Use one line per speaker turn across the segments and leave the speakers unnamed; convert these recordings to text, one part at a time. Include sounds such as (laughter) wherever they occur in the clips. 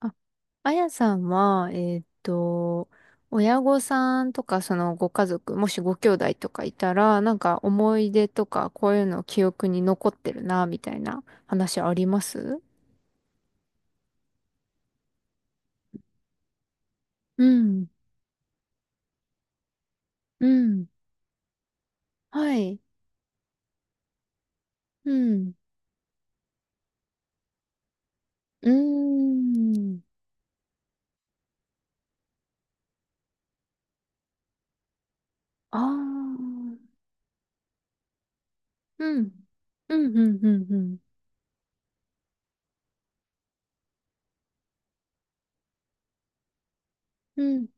あ、あやさんは、親御さんとか、そのご家族、もしご兄弟とかいたら、なんか思い出とか、こういうの記憶に残ってるな、みたいな話あります？うん、うん、はい。うん、うーん、あー、うん、うん、うん、うん、うん、うん。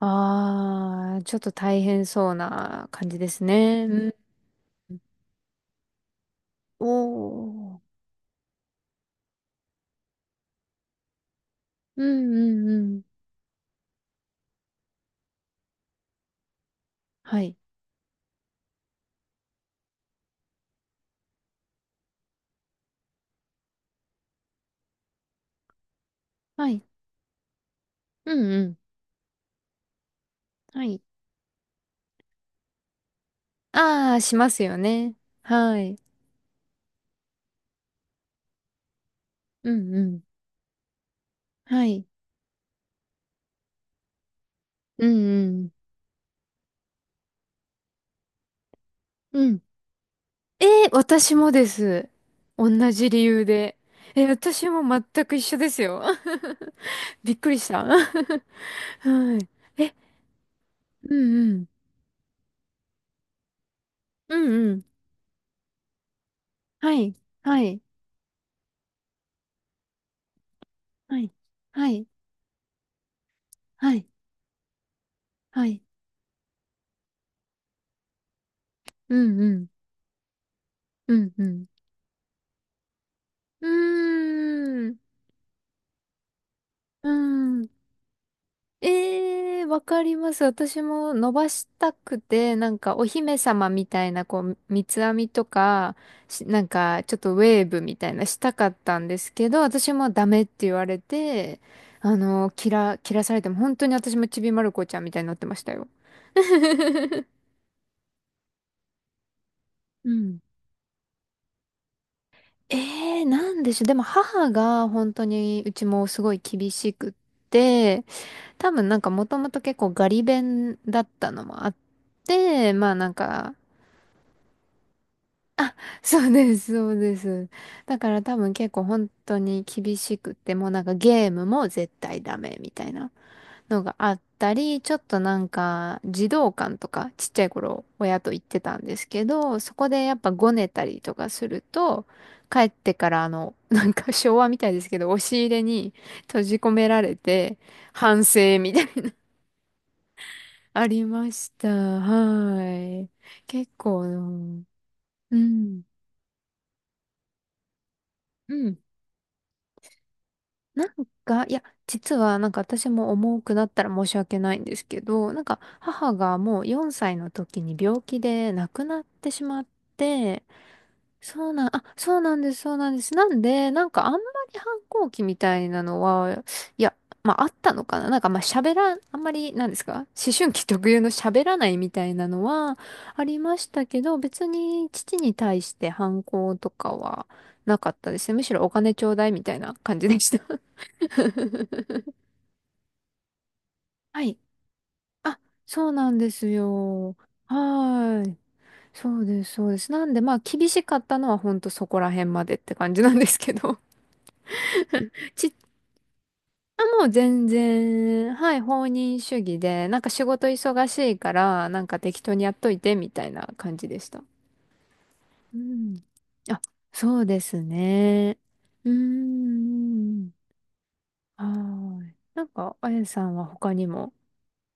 あー、ちょっと大変そうな感じですね。うん。おー。うん、うん、うん。はい。うんうん。はい。ああ、しますよね。はい。うんうん。はい。うんうん。うん。えー、私もです。同じ理由で。えー、私も全く一緒ですよ。(laughs) びっくりした。(laughs) はい。え、うんうん。うんうん。はい。はい。はい。はい。はい。はい。うんうん。うんうん。うーん。うーん。ええ、わかります。私も伸ばしたくて、なんかお姫様みたいな、こう、三つ編みとか、し、なんかちょっとウェーブみたいなしたかったんですけど、私もダメって言われて、切ら、切らされても、本当に私もちびまる子ちゃんみたいになってましたよ。(laughs) うん。ええ、なんでしょう。でも母が本当にうちもすごい厳しくって、多分なんかもともと結構ガリ勉だったのもあって、まあなんか、(laughs) そうです、そうです。だから多分結構本当に厳しくて、もうなんかゲームも絶対ダメみたいなのがあったり、ちょっとなんか児童館とかちっちゃい頃親と行ってたんですけど、そこでやっぱごねたりとかすると、帰ってから(laughs) なんか昭和みたいですけど、押し入れに閉じ込められて、反省みたいな、ありました。はい。結構、うん。うん。なんか、いや、実はなんか私も重くなったら申し訳ないんですけど、なんか母がもう4歳の時に病気で亡くなってしまって、そうなん、あ、そうなんです、そうなんです。なんで、なんかあんまり反抗期みたいなのは、いや、まああったのかな。なんかまあ喋らん、あんまり、なんですか、思春期特有の喋らないみたいなのはありましたけど、別に父に対して反抗とかはなかったですね。むしろお金ちょうだいみたいな感じでした。(laughs) はい。あ、そうなんですよ。はーい。そうです、そうです。なんで、まあ、厳しかったのは、ほんとそこら辺までって感じなんですけど。(laughs) あ、もう全然、はい、放任主義で、なんか仕事忙しいから、なんか適当にやっといて、みたいな感じでした。うん。あ、そうですね。うーん。はーい。なんか、あやさんは他にも、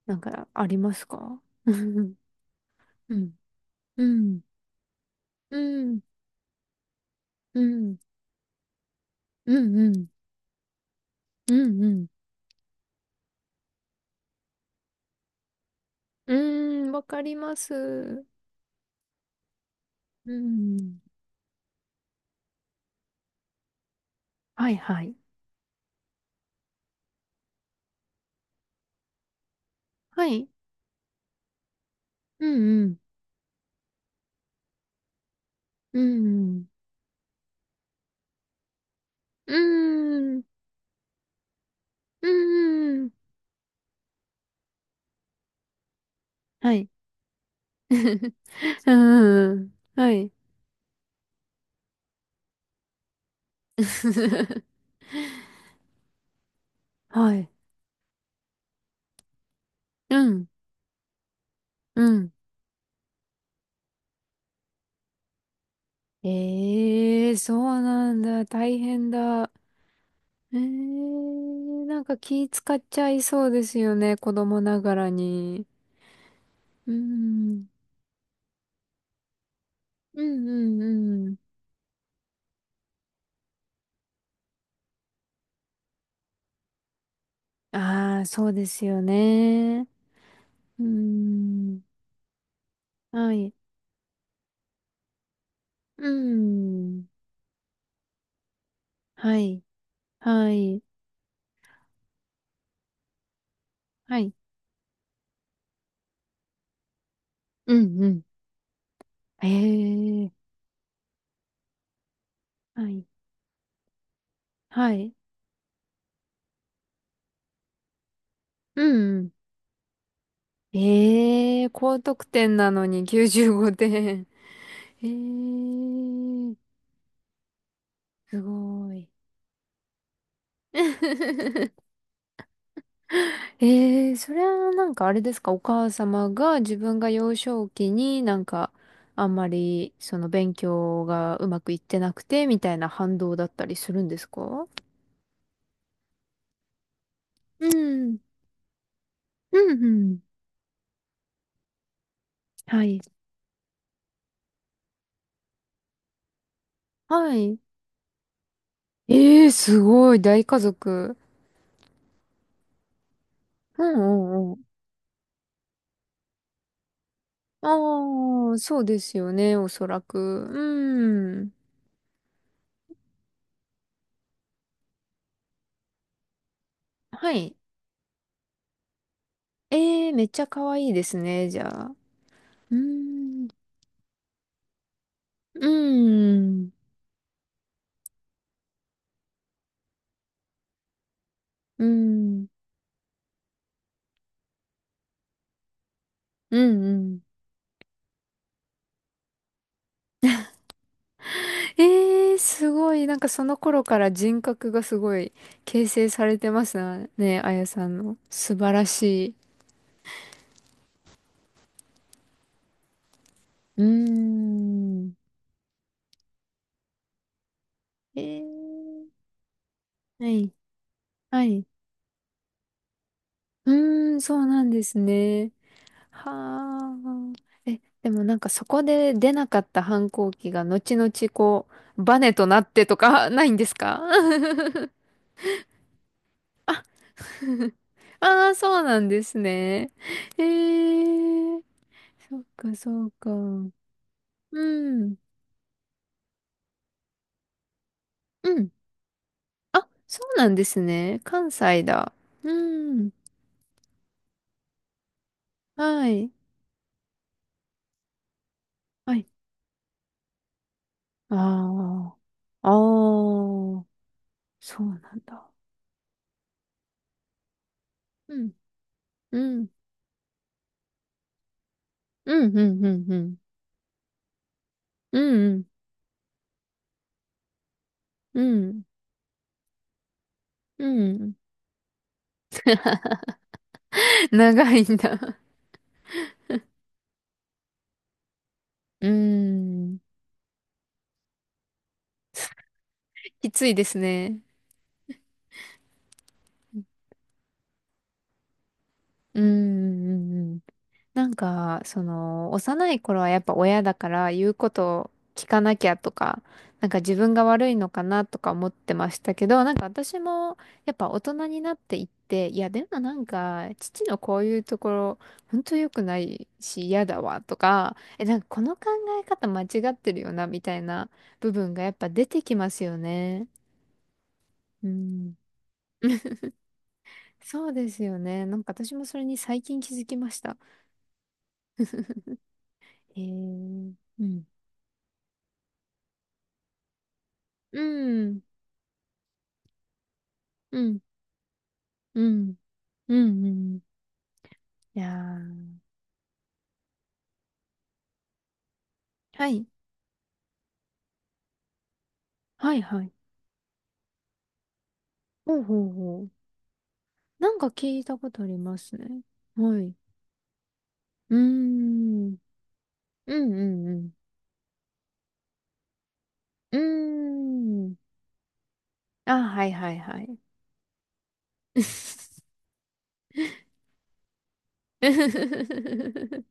なんかありますか？ (laughs) うん。うん。うん。うん。うん。うん。うん。うん。うん。うーん、わかります。うん。はいはい。はい。うんうん。うんうん。うーん、うーん、はい。(laughs) うーん、はい。(laughs) はい。うん、うん。ええー、そうなんだ。大変だ。ええー、なんか気使っちゃいそうですよね。子供ながらに。うん、うん、うん、うん。ああ、そうですよね。うん、はい。うん、はい、はい、はい。うん、うん。ええー、はい。はい。うんうん。ええ、高得点なのに95点。ええ、すごい。(laughs) ええ、それはなんかあれですか、お母様が自分が幼少期になんかあんまりその勉強がうまくいってなくてみたいな反動だったりするんですか？うん。うんうん。はい。はい。ええ、すごい、大家族。うんうん、ああ、そうですよね、おそらく。うん。はい。ええ、めっちゃ可愛いですね、じゃあ。うん。うん。うん。うんうん。ええ、すごい。なんかその頃から人格がすごい形成されてますね、あやさんの。素晴らしい。うーん。ええ、はい。はい。うーん、そうなんですね。はあ。え、でもなんかそこで出なかった反抗期が後々こう、バネとなってとか、 (laughs) ないんですか？ (laughs) あ、あー、そうなんですね。えー、そっかそっか。うん、うん。あ、そうなんですね。関西だ。うん。はい。はい。ああ。ああ、そうなんだ。うん。うん。うん、うん、うん、うん。うん、うん。うんうん。長いんだ。うん。きついですね。うんうんうんうん、なんか、その、幼い頃はやっぱ親だから言うことを聞かなきゃとか、なんか自分が悪いのかなとか思ってましたけど、なんか私もやっぱ大人になっていって、いやでもなんか、父のこういうところ、ほんと良くないし嫌だわとか、え、なんかこの考え方間違ってるよなみたいな部分がやっぱ出てきますよね。うん。(laughs) そうですよね。なんか私もそれに最近気づきました。へえ。うん。うん。うん。うん。うん。うん、いやー。はい。はいはい。ほうほうほう。なんか聞いたことありますね。はい。うーん。うんうんうん。うーん。あ、はいはいはい。(laughs)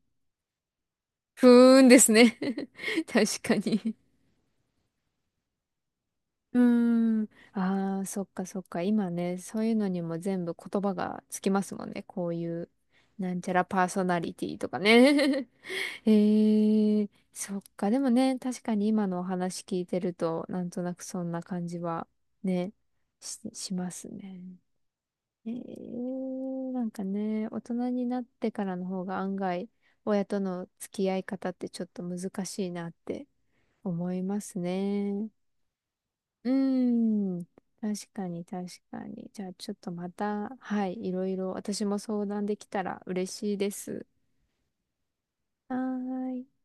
ふーんですね。(laughs) 確かに、うーん。ああ、そっかそっか。今ね、そういうのにも全部言葉がつきますもんね。こういう、なんちゃらパーソナリティとかね。(laughs) えー、そっか。でもね、確かに今のお話聞いてると、なんとなくそんな感じは、ね、し、しますね。えー、なんかね、大人になってからの方が案外、親との付き合い方ってちょっと難しいなって思いますね。うーん。確かに、確かに。じゃあ、ちょっとまた、はい、いろいろ私も相談できたら嬉しいです。はーい。